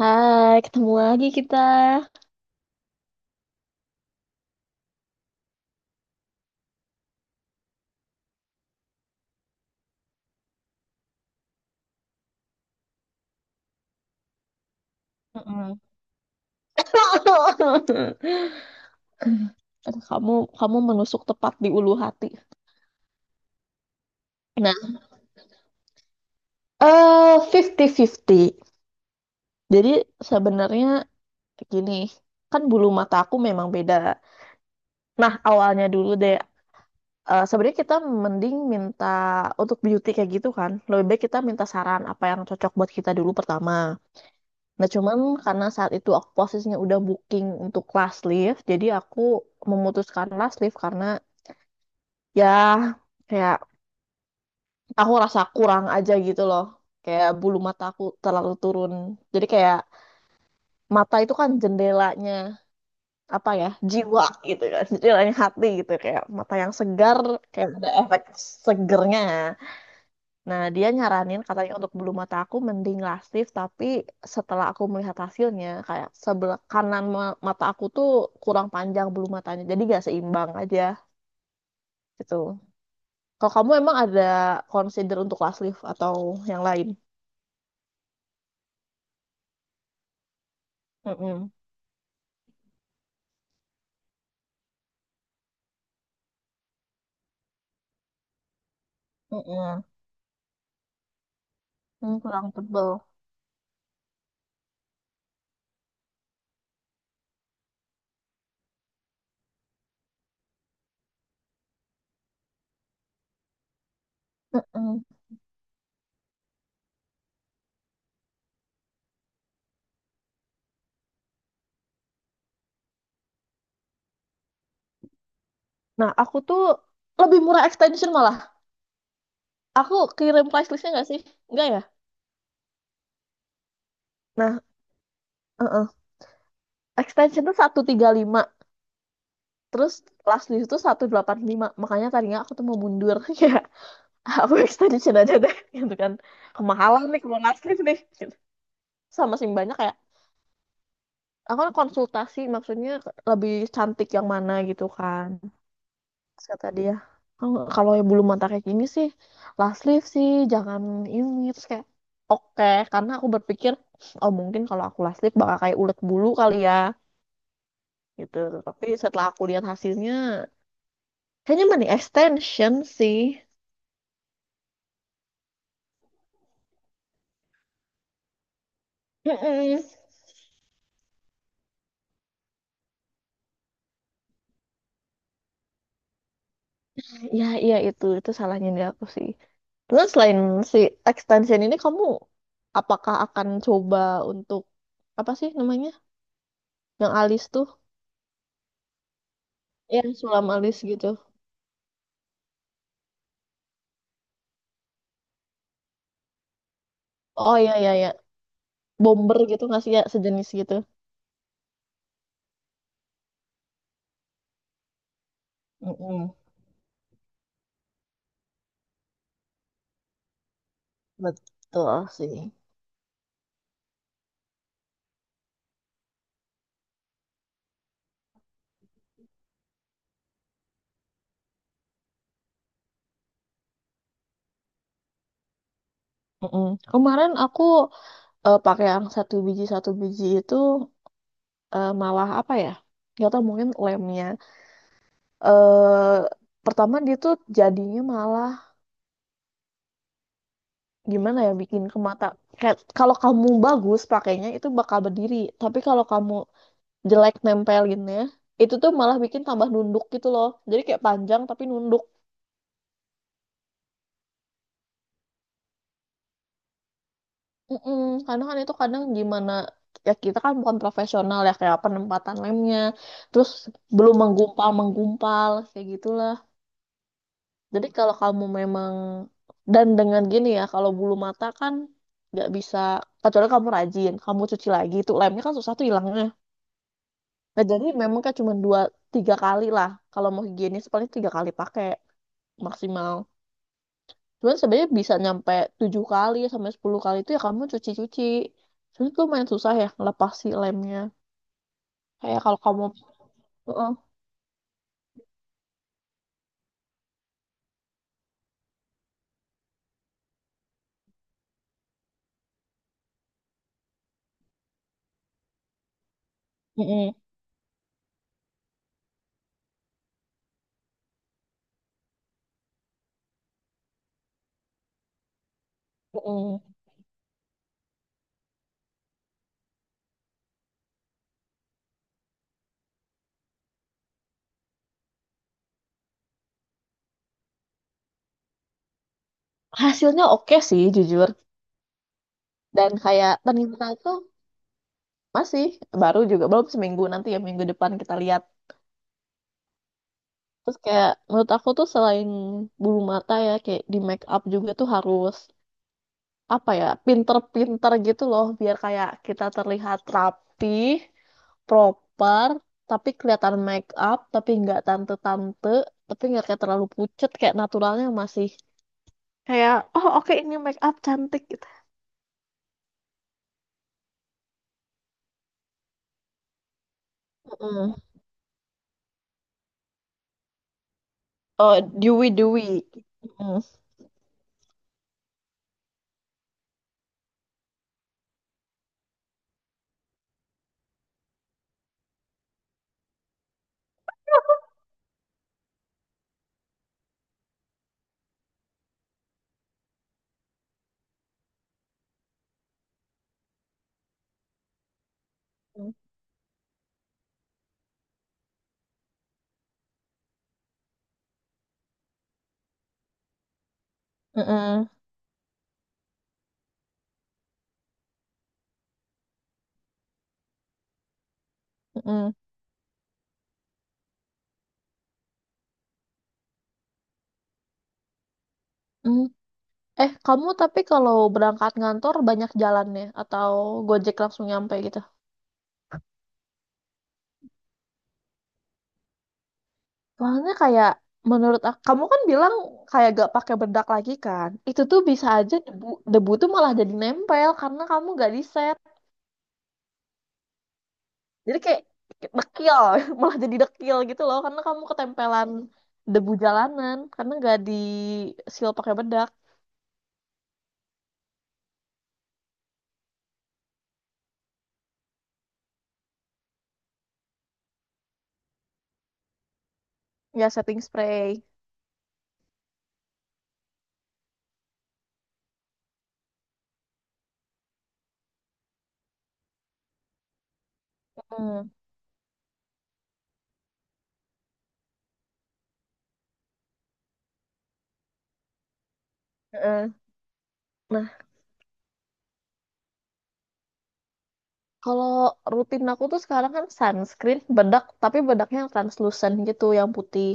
Hai, ketemu lagi kita. Mm-mm. Aduh, kamu kamu menusuk tepat di ulu hati. Nah, eh fifty. 50. Jadi sebenarnya gini, kan bulu mata aku memang beda. Nah, awalnya dulu deh. Sebenarnya kita mending minta untuk beauty kayak gitu kan. Lebih baik kita minta saran apa yang cocok buat kita dulu pertama. Nah, cuman karena saat itu aku posisinya udah booking untuk last lift, jadi aku memutuskan last lift karena ya kayak aku rasa kurang aja gitu loh, kayak bulu mata aku terlalu turun, jadi kayak mata itu kan jendelanya, apa ya, jiwa gitu kan, jendelanya hati gitu, kayak mata yang segar, kayak ada efek segernya. Nah, dia nyaranin katanya untuk bulu mata aku mending lasif, tapi setelah aku melihat hasilnya kayak sebelah kanan mata aku tuh kurang panjang bulu matanya, jadi gak seimbang aja gitu. Kalau kamu emang ada consider untuk last leaf atau yang lain? Mm-mm. Mm-mm. Hmm, kurang tebel. Mm-mm. Nah, aku tuh lebih murah extension malah. Aku kirim price listnya nggak sih? Nggak ya? Nah, uh-uh. Extension tuh 135. Terus last leaf tuh 185. Makanya tadinya aku tuh mau mundur. Ya, aku extension aja deh. Gitu kan. Kemahalan nih kalau last leaf nih. Gitu. Sama sih banyak kayak, aku kan konsultasi maksudnya lebih cantik yang mana gitu kan. Terus kata dia, "Kalau kalau yang bulu mata kayak gini sih last leave sih jangan ini," terus kayak oke karena aku berpikir oh mungkin kalau aku last leave bakal kayak ulet bulu kali ya gitu, tapi setelah aku lihat hasilnya kayaknya mending extension sih. Mm-mm. Ya iya, itu salahnya di aku sih. Terus selain si extension ini kamu apakah akan coba untuk, apa sih namanya, yang alis tuh, yang sulam alis gitu? Oh iya iya iya, bomber gitu nggak sih, ya sejenis gitu. Mm-mm. Betul sih. Mm-mm. Kemarin aku pakai yang satu biji itu, malah apa ya? Gak tau mungkin lemnya. eh Pertama dia tuh jadinya malah, gimana ya, bikin ke mata. Kayak kalau kamu bagus pakainya itu bakal berdiri. Tapi kalau kamu jelek nempelinnya, itu tuh malah bikin tambah nunduk gitu loh. Jadi kayak panjang tapi nunduk. Mm-mm, karena kan itu kadang gimana ya, kita kan bukan profesional ya, kayak penempatan lemnya terus belum, menggumpal menggumpal kayak gitulah. Jadi kalau kamu memang, dan dengan gini ya kalau bulu mata kan nggak bisa, kecuali kamu rajin kamu cuci lagi, itu lemnya kan susah tuh hilangnya. Nah, jadi memang kayak cuma 2-3 kali lah, kalau mau higienis paling 3 kali pakai maksimal. Cuman sebenarnya bisa nyampe 7 kali sampai 10 kali, itu ya kamu cuci-cuci. Cuman itu lumayan susah ya ngelepas si lemnya. Kayak kalau kamu, heeh. Mm-mm. Mm-mm. Hasilnya oke sih jujur. Dan kayak ternyata tuh masih baru juga, belum seminggu, nanti ya minggu depan kita lihat. Terus kayak menurut aku tuh selain bulu mata ya kayak di make up juga tuh harus, apa ya, pinter-pinter gitu loh biar kayak kita terlihat rapi, proper, tapi kelihatan make up tapi nggak tante-tante, tapi nggak kayak terlalu pucet, kayak naturalnya masih, kayak oh oke ini make up cantik gitu. Mm-mm. Oh, dewy dewy. Mm-mm. Mm-mm. Mm-mm. Mm. Eh, kamu tapi kalau berangkat kantor banyak jalannya atau gojek langsung nyampe gitu? Soalnya kayak menurut aku, kamu kan bilang kayak gak pakai bedak lagi kan? Itu tuh bisa aja debu, debu tuh malah jadi nempel karena kamu gak di set. Jadi kayak dekil, malah jadi dekil gitu loh karena kamu ketempelan debu jalanan, karena gak di seal pakai bedak. Ya, setting spray. Hmm. Heeh. Nah, kalau rutin aku tuh sekarang kan sunscreen, bedak, tapi bedaknya yang translucent gitu, yang putih.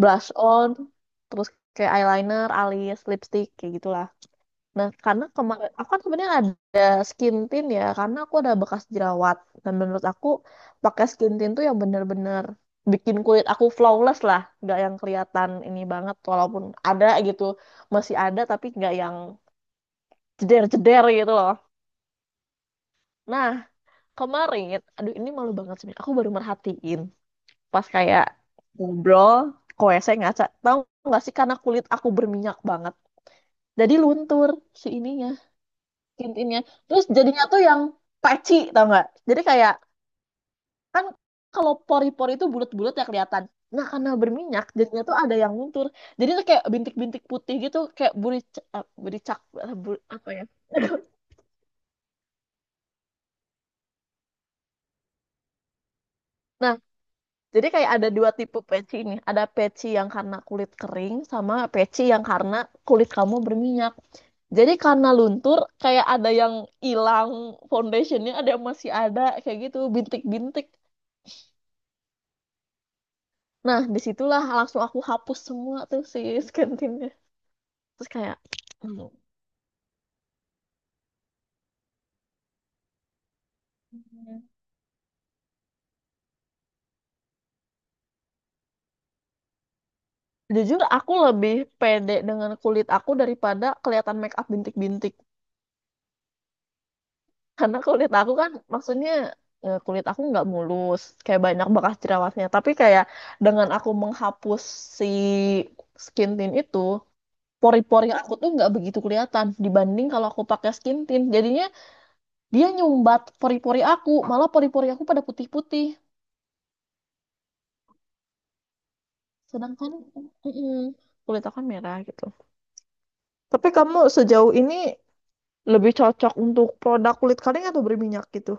Blush on, terus kayak eyeliner, alis, lipstick, kayak gitu. Nah, karena kemarin aku kan sebenarnya ada skin tint ya, karena aku ada bekas jerawat. Dan menurut aku pakai skin tint tuh yang bener-bener bikin kulit aku flawless lah, nggak yang kelihatan ini banget, walaupun ada gitu, masih ada tapi nggak yang jeder-jeder gitu loh. Nah, kemarin, aduh ini malu banget sebenarnya, aku baru merhatiin pas kayak ngobrol, koe saya ngaca, tahu nggak sih, karena kulit aku berminyak banget, jadi luntur si ininya, intinya. Terus jadinya tuh yang peci, tau nggak, jadi kayak, kan kalau pori-pori itu bulat-bulat ya kelihatan, nah karena berminyak jadinya tuh ada yang luntur, jadi tuh kayak bintik-bintik putih gitu kayak buricak buricak, eh, apa ya nah jadi kayak ada dua tipe peci ini, ada peci yang karena kulit kering, sama peci yang karena kulit kamu berminyak jadi karena luntur kayak ada yang hilang foundationnya, ada yang masih ada kayak gitu bintik-bintik. Nah, disitulah langsung aku hapus semua tuh si skintinnya. Terus kayak, hmm, jujur aku lebih pede dengan kulit aku daripada kelihatan make up bintik-bintik. Karena kulit aku kan, maksudnya kulit aku nggak mulus, kayak banyak bekas jerawatnya. Tapi kayak dengan aku menghapus si skin tint itu, pori-pori aku tuh nggak begitu kelihatan dibanding kalau aku pakai skin tint. Jadinya dia nyumbat pori-pori aku, malah pori-pori aku pada putih-putih. Sedangkan mm, kulit aku kan merah gitu. Tapi kamu sejauh ini lebih cocok untuk produk kulit kering atau berminyak gitu?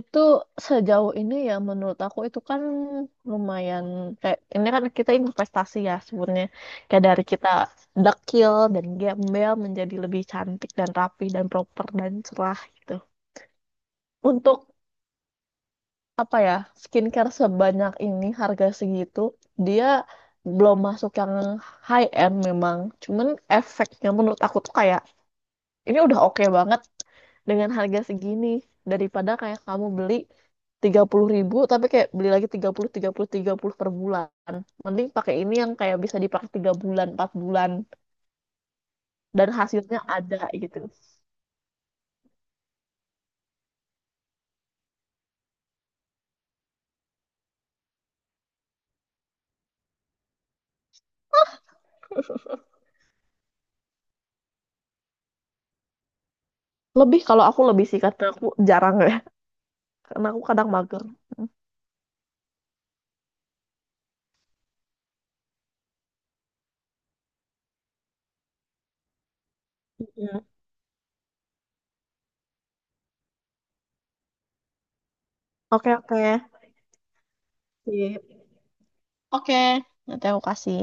Itu sejauh ini ya menurut aku itu kan lumayan, kayak ini kan kita investasi ya sebenarnya, kayak dari kita dekil dan gembel menjadi lebih cantik dan rapi dan proper dan cerah gitu. Untuk, apa ya, skincare sebanyak ini harga segitu, dia belum masuk yang high end memang, cuman efeknya menurut aku tuh kayak ini udah oke banget dengan harga segini, daripada kayak kamu beli 30.000 tapi kayak beli lagi tiga tiga puluh 30 30 per bulan, mending pakai ini yang kayak bisa dipakai 3 bulan 4 bulan dan hasilnya ada gitu. Lebih, kalau aku lebih sih karena aku jarang ya, karena aku kadang mager. Mm. Oke oke. Sip. Oke, nanti aku kasih.